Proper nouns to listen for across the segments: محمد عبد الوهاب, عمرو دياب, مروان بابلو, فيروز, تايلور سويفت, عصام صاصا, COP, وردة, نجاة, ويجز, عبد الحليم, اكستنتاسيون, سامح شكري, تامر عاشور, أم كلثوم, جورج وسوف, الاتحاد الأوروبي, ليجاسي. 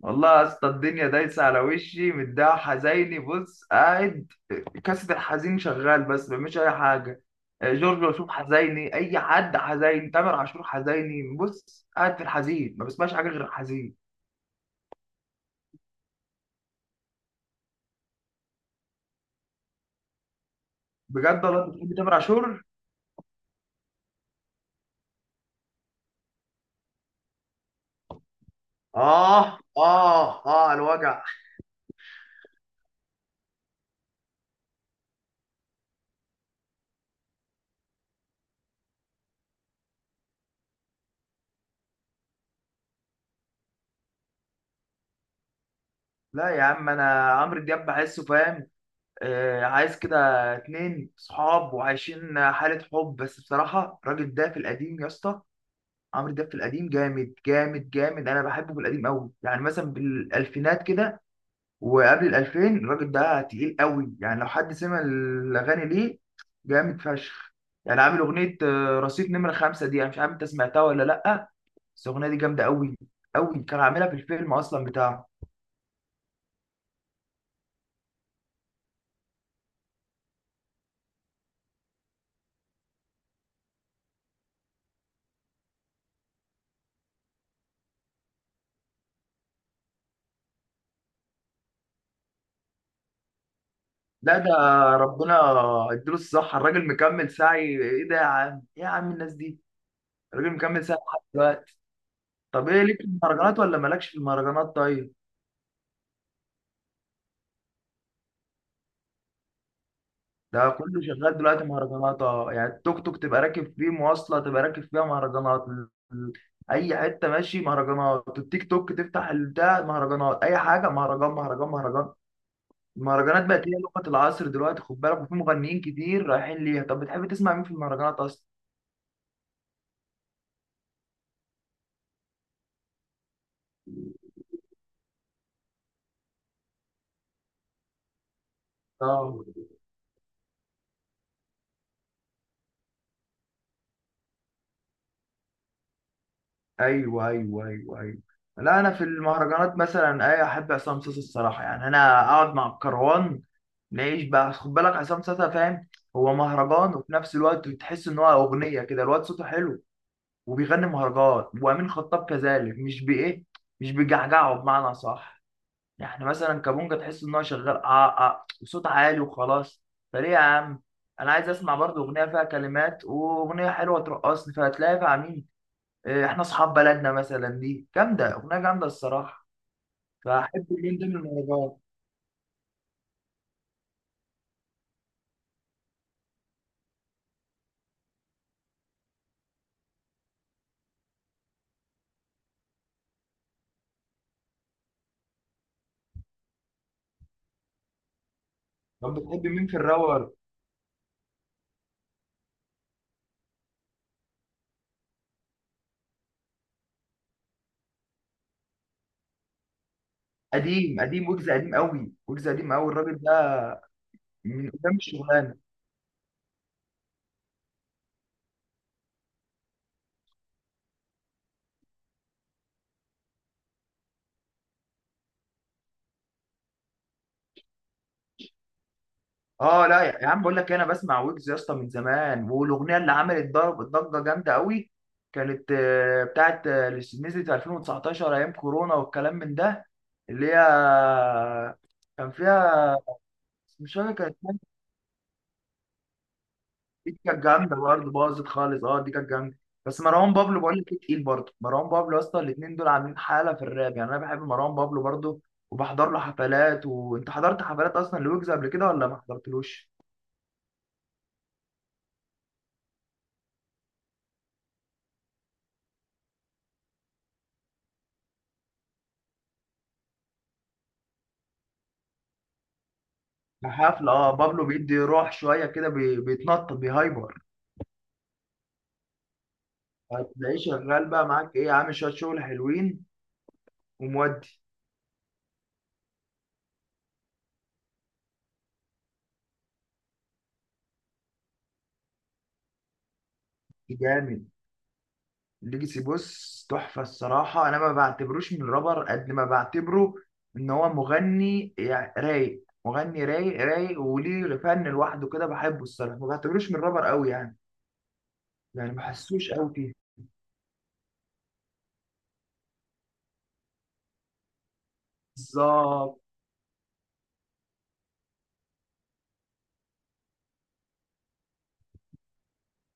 والله يا اسطى الدنيا دايسه على وشي، متضايق حزيني. بص، قاعد كاسة الحزين شغال بس ما بعملش اي حاجه. جورج وسوف حزيني، اي حد حزين، تامر عاشور حزيني. بص، قاعد في الحزين، ما بسمعش حاجه غير الحزين. بجد والله انت بتحب تامر عاشور. اه اه اه، على الوجع. لا يا عم، انا عمرو دياب بحسه فاهم. آه، عايز كده اتنين صحاب وعايشين حاله حب. بس بصراحه الراجل ده في القديم يا اسطى، عمرو دياب في القديم جامد جامد جامد. انا بحبه في القديم قوي، يعني مثلا بالالفينات كده وقبل الالفين الراجل ده تقيل قوي. يعني لو حد سمع الاغاني ليه، جامد فشخ. يعني عامل اغنيه رصيد نمره خمسة، دي انا مش عارف انت سمعتها ولا لا، بس الاغنيه دي جامده قوي قوي. كان عاملها في الفيلم اصلا بتاعه. لا ده، ربنا اديله الصحه، الراجل مكمل سعي. ايه ده يا عم، ايه يا عم الناس دي، الراجل مكمل سعي لحد دلوقتي. طب ايه، ليك في المهرجانات ولا مالكش في المهرجانات؟ طيب ده كله شغال دلوقتي مهرجانات. اه يعني التوك توك تبقى راكب فيه، مواصلة تبقى راكب فيها مهرجانات، أي حتة ماشي مهرجانات، التيك توك تفتح البتاع مهرجانات، أي حاجة مهرجان مهرجان مهرجان. المهرجانات بقت هي لغة العصر دلوقتي، خد بالك، وفي مغنيين كتير رايحين ليها. طب بتحب تسمع مين في المهرجانات أصلا؟ اه. ايوه ايوه ايوه ايوه. لا انا في المهرجانات مثلا اي احب عصام صاصا الصراحه. يعني انا اقعد مع الكروان ماشي بقى، خد بالك، عصام ساسا فاهم، هو مهرجان وفي نفس الوقت تحس ان هو اغنيه كده، الواد صوته حلو وبيغني مهرجان. وامين خطاب كذلك، مش بايه، مش بيجعجعه بمعنى صح. يعني مثلا كابونجا تحس ان هو شغال اه اه وصوت عالي وخلاص. فليه يا عم، انا عايز اسمع برضه اغنيه فيها كلمات، واغنيه حلوه ترقصني، فهتلاقيها مع مين؟ احنا اصحاب بلدنا مثلا، دي جامده، اغنيه جامده الصراحه. فاحب مين ضمن المهرجان؟ طب بتحب مين في الراور؟ قديم قديم ويجز، قديم قوي ويجز، قديم قوي الراجل ده من قدام الشغلانه. اه، لا يا عم بقول لك انا بسمع ويجز يا اسطى من زمان، والاغنيه اللي عملت ضرب ضجه جامده قوي كانت بتاعت اللي نزلت في 2019 ايام كورونا والكلام من ده، اللي هي كان فيها، مش فاكر كانت، دي كانت جامده برضه، باظت خالص، اه دي كانت جامده. بس مروان بابلو، بقول لك إيه، تقيل برضه مروان بابلو. اصلا الاثنين دول عاملين حاله في الراب، يعني انا بحب مروان بابلو برضه وبحضر له حفلات. وانت حضرت حفلات اصلا لويجز قبل كده ولا ما حضرتلوش؟ حفله اه، بابلو بيدي روح شويه كده، بيتنطط، بيهايبر. هتلاقيه شغال بقى معاك ايه، عامل شويه شغل حلوين. ومودي جامد. ليجاسي بص تحفة الصراحة، أنا ما بعتبروش من رابر قد ما بعتبره إن هو مغني. يعني رايق، مغني رايق رايق، وليه فن لوحده كده بحبه الصراحة. ما بعتبروش من رابر قوي يعني، يعني ما حسوش قوي فيه. بالظبط.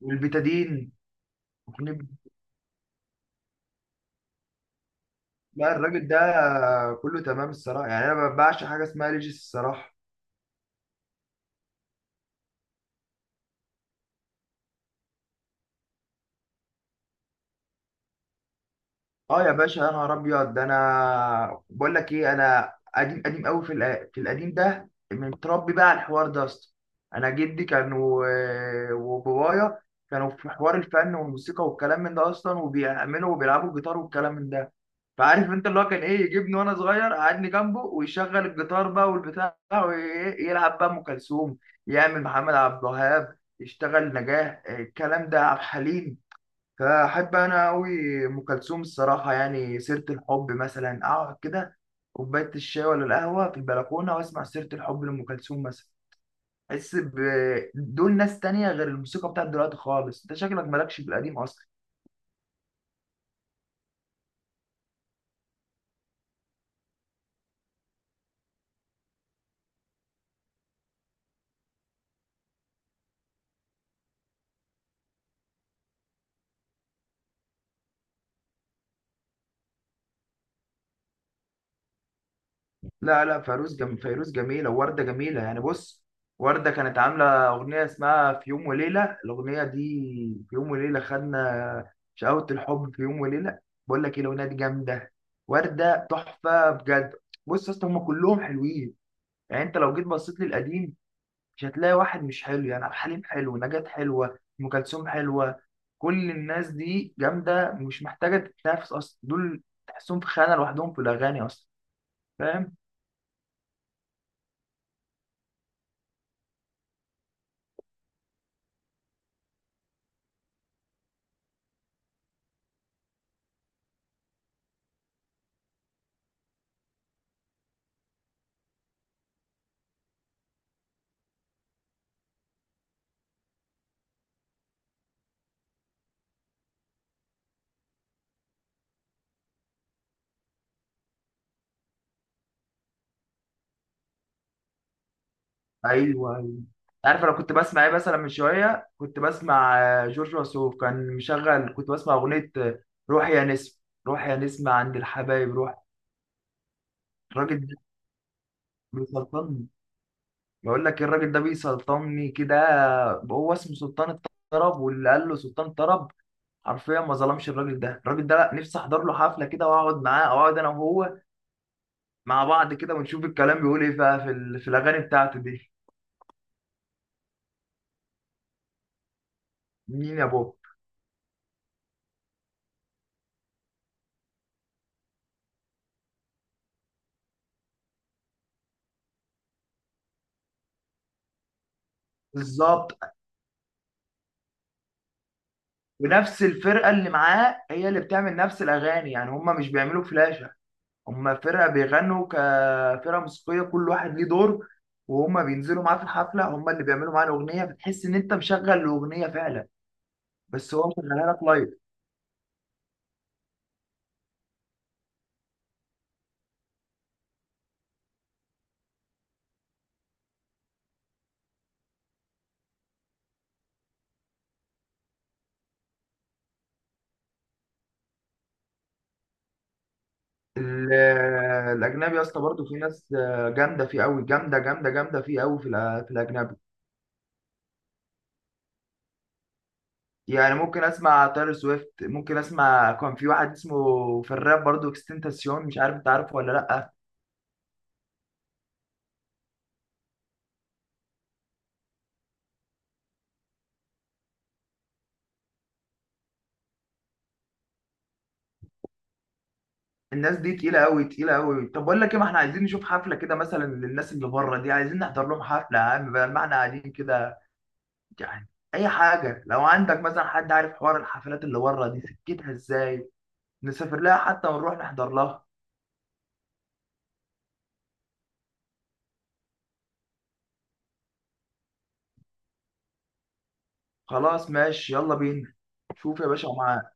والبتادين. أغنية- لا الراجل ده كله تمام الصراحة. يعني أنا ما بعشق حاجة اسمها ليجاسي الصراحة. اه يا باشا، يا نهار ابيض، ده انا بقول لك ايه، انا قديم قديم قوي. في القديم ده متربي بقى على الحوار ده اصلا. انا جدي كان وبابايا كانوا في حوار الفن والموسيقى والكلام من ده اصلا، وبيعملوا وبيلعبوا جيتار والكلام من ده. فعارف انت اللي هو كان ايه، يجيبني وانا صغير قعدني جنبه ويشغل الجيتار بقى والبتاع ويلعب بقى ام كلثوم، يعمل محمد عبد الوهاب، يشتغل نجاح، الكلام ده عبد الحليم. فأحب أنا أوي أم كلثوم الصراحة. يعني سيرة الحب مثلا، أقعد كده كوباية الشاي ولا القهوة في البلكونة وأسمع سيرة الحب لأم كلثوم مثلا. أحس دول ناس تانية غير الموسيقى بتاعت دلوقتي خالص. أنت شكلك مالكش في القديم أصلا. لا لا، فيروز فيروز جميلة، ووردة جميلة. يعني بص، وردة كانت عاملة أغنية اسمها في يوم وليلة، الأغنية دي، في يوم وليلة خدنا شقاوة الحب، في يوم وليلة. بقول لك إيه، الأغنية دي جامدة، وردة تحفة بجد. بص يا اسطى هما كلهم حلوين. يعني أنت لو جيت بصيت للقديم مش هتلاقي واحد مش حلو. يعني عبد الحليم حلو، نجاة حلوة، أم كلثوم حلوة، كل الناس دي جامدة، مش محتاجة تتنافس أصلا، دول تحسهم في خانة لوحدهم في الأغاني أصلا. فاهم. ايوه ايوه. عارف انا كنت بسمع ايه مثلا؟ من شويه كنت بسمع جورج وسوف كان مشغل، كنت بسمع اغنيه روح يا نسم، روح يا نسم عند الحبايب روح. الراجل ده بيسلطني. بقول لك الراجل ده بيسلطني كده. هو اسمه سلطان الطرب، واللي قال له سلطان الطرب حرفيا ما ظلمش الراجل ده. الراجل ده لا، نفسي احضر له حفله كده واقعد معاه، أو اقعد انا وهو مع بعض كده ونشوف الكلام بيقول ايه بقى في الاغاني بتاعته دي. مين يا بابا؟ بالظبط. ونفس الفرقه اللي معاه هي اللي بتعمل نفس الاغاني، يعني هم مش بيعملوا فلاشه. هم فرقه بيغنوا كفرقه موسيقيه، كل واحد ليه دور، وهم بينزلوا معاه في الحفله، هم اللي بيعملوا معاه الاغنيه. بتحس ان انت مشغل الاغنيه فعلا، بس هو مشغلها لك لايف. ال- الاجنبي يا اسطى برضه في ناس جامده فيه قوي، جامده جامده جامده فيه قوي في الاجنبي. يعني ممكن اسمع تايلور سويفت، ممكن اسمع، كان في واحد اسمه في الراب برضه اكستنتاسيون، مش عارف انت عارفه ولا لا. الناس دي تقيلة أوي، تقيلة أوي. طب بقول لك إيه، ما إحنا عايزين نشوف حفلة كده مثلا للناس اللي بره دي، عايزين نحضر لهم حفلة يا عم بدل ما إحنا قاعدين كده. يعني أي حاجة، لو عندك مثلا حد عارف حوار الحفلات اللي بره دي سكتها إزاي، نسافر لها حتى ونروح نحضر لها. خلاص، ماشي، يلا بينا. شوف يا باشا، معاك.